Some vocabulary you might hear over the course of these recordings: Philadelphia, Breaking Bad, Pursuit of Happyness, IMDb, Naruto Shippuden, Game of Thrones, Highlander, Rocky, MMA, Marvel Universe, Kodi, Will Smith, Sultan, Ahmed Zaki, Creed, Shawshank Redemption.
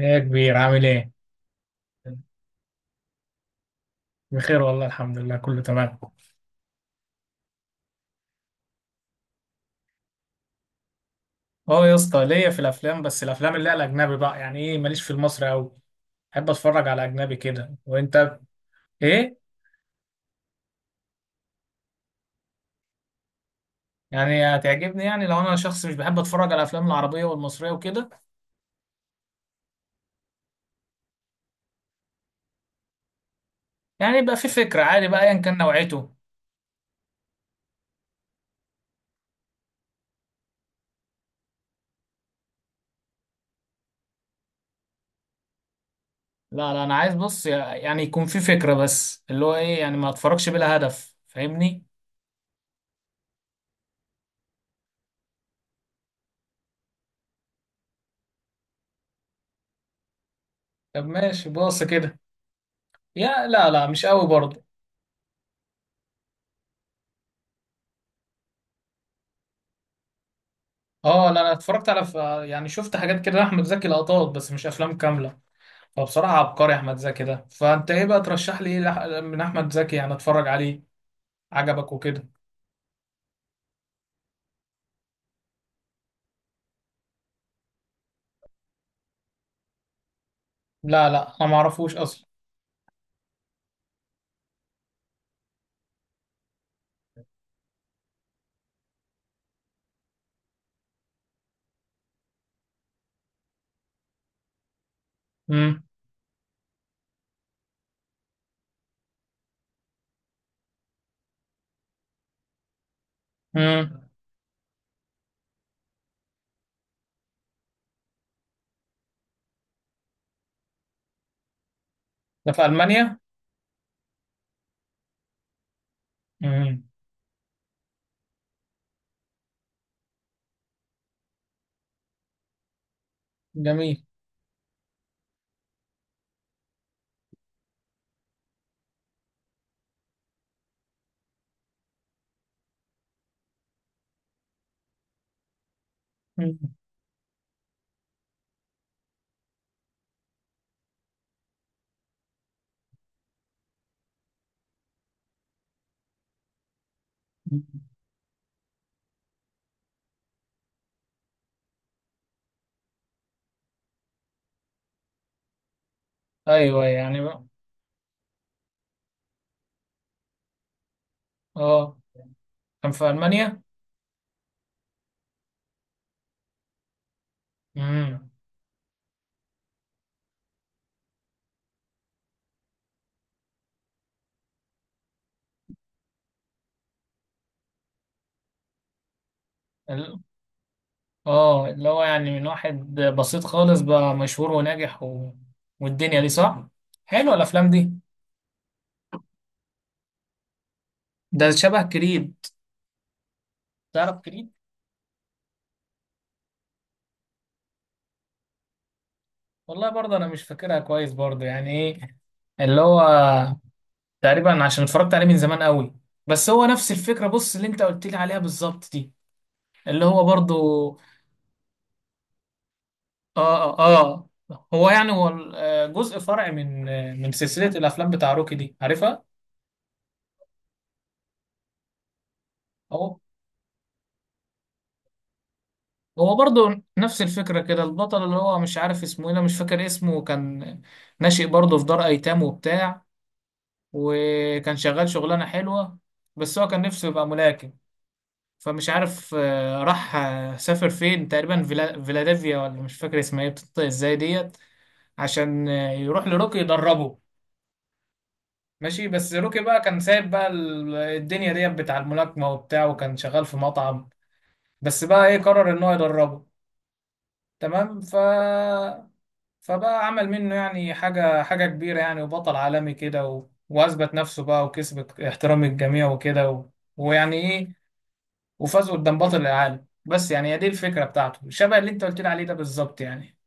ايه يا كبير، عامل ايه؟ بخير والله، الحمد لله، كله تمام. اه يا اسطى، ليا في الافلام، بس الافلام اللي هي الاجنبي بقى، يعني ايه، ماليش في المصري قوي. بحب اتفرج على اجنبي كده، وانت؟ ايه؟ يعني هتعجبني، يعني لو انا شخص مش بحب اتفرج على الافلام العربيه والمصريه وكده. يعني يبقى في فكره عادي بقى، ايا كان نوعيته. لا لا، انا عايز بص، يعني يكون في فكره، بس اللي هو ايه، يعني ما اتفرجش بلا هدف، فاهمني؟ طب ماشي، بص كده. يا لا لا، مش قوي برضه. اه لا، انا اتفرجت على يعني شفت حاجات كده احمد زكي، لقطات بس مش افلام كامله. فبصراحه عبقري احمد زكي ده. فانت ايه بقى، ترشح لي ايه من احمد زكي يعني اتفرج عليه، عجبك وكده. لا لا، انا ما اعرفوش اصلا. امم. امم. ده في المانيا؟ امم. جميل. مم. مم. ايوه يعني بقى. اه، كان في المانيا. امم. ال- اه، اللي هو يعني من واحد بسيط خالص بقى مشهور وناجح والدنيا دي، صح. حلوه الافلام دي. ده شبه كريد. تعرف كريد؟ والله برضه انا مش فاكرها كويس، برضه يعني ايه، اللي هو تقريبا عشان اتفرجت عليه من زمان قوي، بس هو نفس الفكره، بص اللي انت قلت لي عليها بالظبط دي، اللي هو برضه. اه اه. آه. هو يعني هو ال- آه، جزء فرع من سلسله الافلام بتاع روكي دي، عارفها؟ هو، هو برضه نفس الفكره كده. البطل اللي هو مش عارف اسمه ايه، أنا مش فاكر اسمه، كان ناشئ برضه في دار ايتام وبتاع، وكان شغال شغلانه حلوه، بس هو كان نفسه يبقى ملاكم. فمش عارف، راح، سافر فين، تقريبا فيلادلفيا، ولا مش فاكر اسمها ايه، بتنطق ازاي ديت، عشان يروح لروكي يدربه. ماشي، بس روكي بقى كان سايب بقى الدنيا ديت بتاع الملاكمة وبتاع، وكان شغال في مطعم. بس بقى ايه، قرر ان هو يدربه، تمام. فبقى عمل منه يعني حاجة حاجة كبيرة يعني، وبطل عالمي كده وأثبت نفسه بقى وكسب احترام الجميع وكده ويعني ايه، وفازوا قدام بطل العالم. بس يعني هي دي الفكرة بتاعته، شبه اللي انت قلت لي عليه ده بالظبط يعني.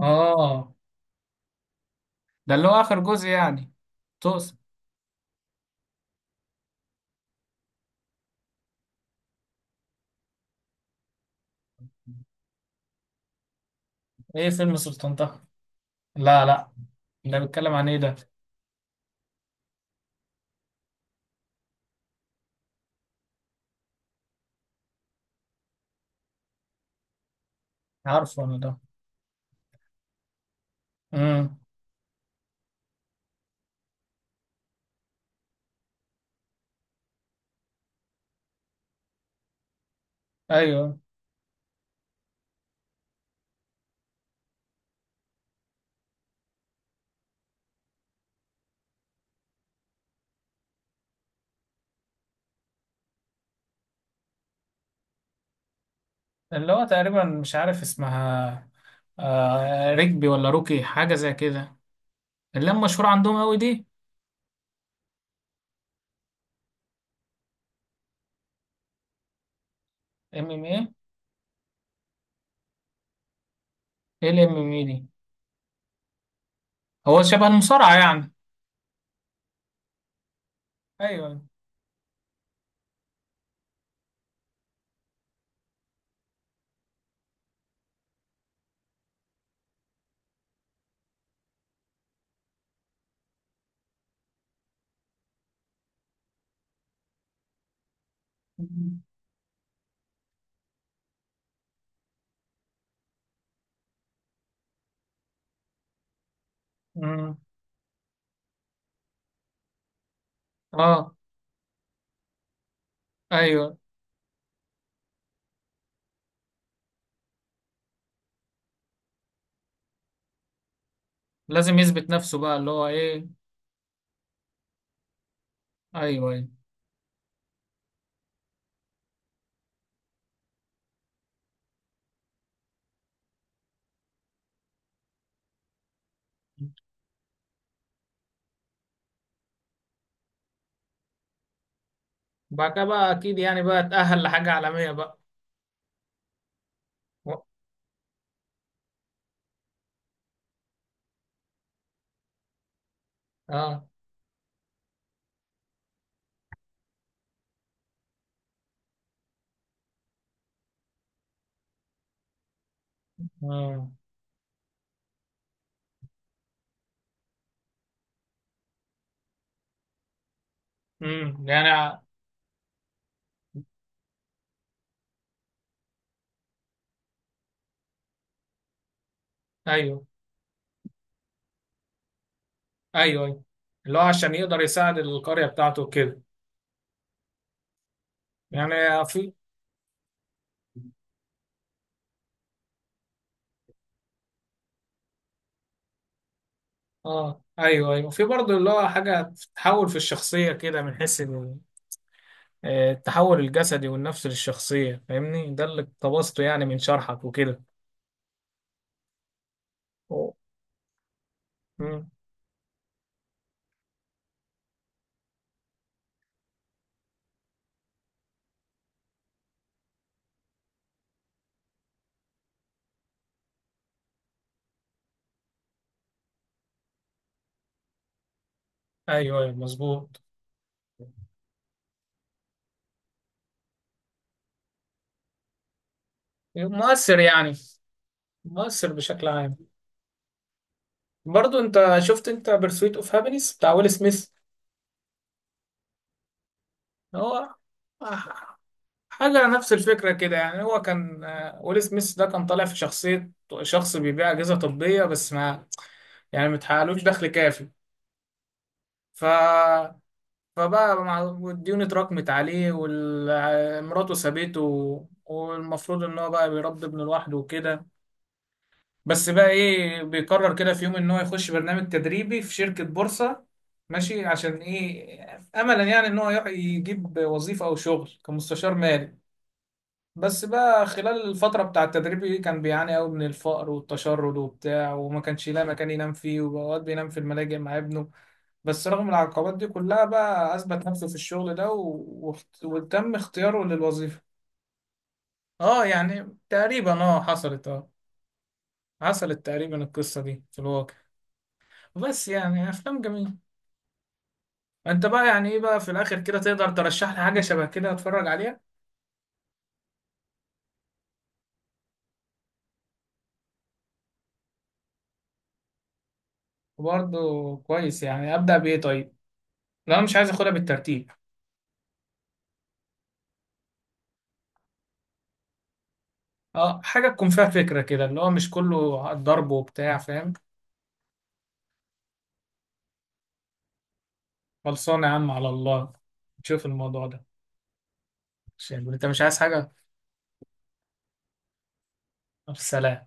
اه. ده اللي هو آخر جزء يعني. توس. ايه فيلم سلطان طه؟ لا لا، ده بيتكلم عن ايه ده؟ عارفه انا ده. امم. ايوه اللي هو تقريبا مش عارف اسمها، آه ركبي ولا روكي، حاجة زي كده. اللي هم مشهور عندهم قوي دي. ام ام ايه. ايه الام ام ايه دي؟ هو شبه المصارعة يعني؟ ايوه. امم. اه ايوه، لازم يثبت نفسه بقى، اللي هو ايه. ايوه ايوه. بعد كده بقى اكيد يعني بقى اتأهل لحاجة عالمية بقى. و- اه اه. امم. يعني ايوه ايوه. ايوه، اللي هو عشان يقدر يساعد القرية بتاعته كده يعني. في. اه ايوه ايوه، في برضه اللي هو حاجة تحول في الشخصية كده من حيث التحول الجسدي والنفسي للشخصية، فاهمني؟ ده اللي اقتبسته يعني من شرحك وكده. أوه. امم. ايوه ايوه، مظبوط. مؤثر يعني. مؤثر بشكل عام. برضو انت شفت انت برسويت اوف هابينس بتاع ويل سميث؟ هو حاجة نفس الفكرة كده يعني. هو كان ويل سميث ده كان طالع في شخصية شخص بيبيع أجهزة طبية، بس ما يعني متحققلوش دخل كافي. ف فبقى مع- الديون اتراكمت عليه ومراته سابته، والمفروض ان هو بقى بيربي ابنه لوحده وكده. بس بقى ايه، بيقرر كده في يوم ان هو يخش برنامج تدريبي في شركة بورصة، ماشي. عشان ايه؟ املا يعني ان هو يجيب وظيفة او شغل كمستشار مالي. بس بقى خلال الفترة بتاع التدريب دي كان بيعاني قوي من الفقر والتشرد وبتاع، وما كانش يلاقي مكان ينام فيه، وأوقات بينام في الملاجئ مع ابنه. بس رغم العقبات دي كلها بقى أثبت نفسه في الشغل ده وتم اختياره للوظيفة. اه يعني تقريبا اه حصلت، اه، حصلت تقريبا القصة دي في الواقع. بس يعني افلام جميله. انت بقى يعني ايه بقى في الاخر كده، تقدر ترشح لي حاجه شبه كده اتفرج عليها؟ وبرضه كويس يعني، ابدا بايه طيب؟ لو انا مش عايز اخدها بالترتيب. اه حاجه تكون فيها فكره كده، اللي هو مش كله ضرب وبتاع، فاهم. خلصانه يا عم على الله، تشوف الموضوع ده. عشان انت مش عايز حاجه. طب، سلام.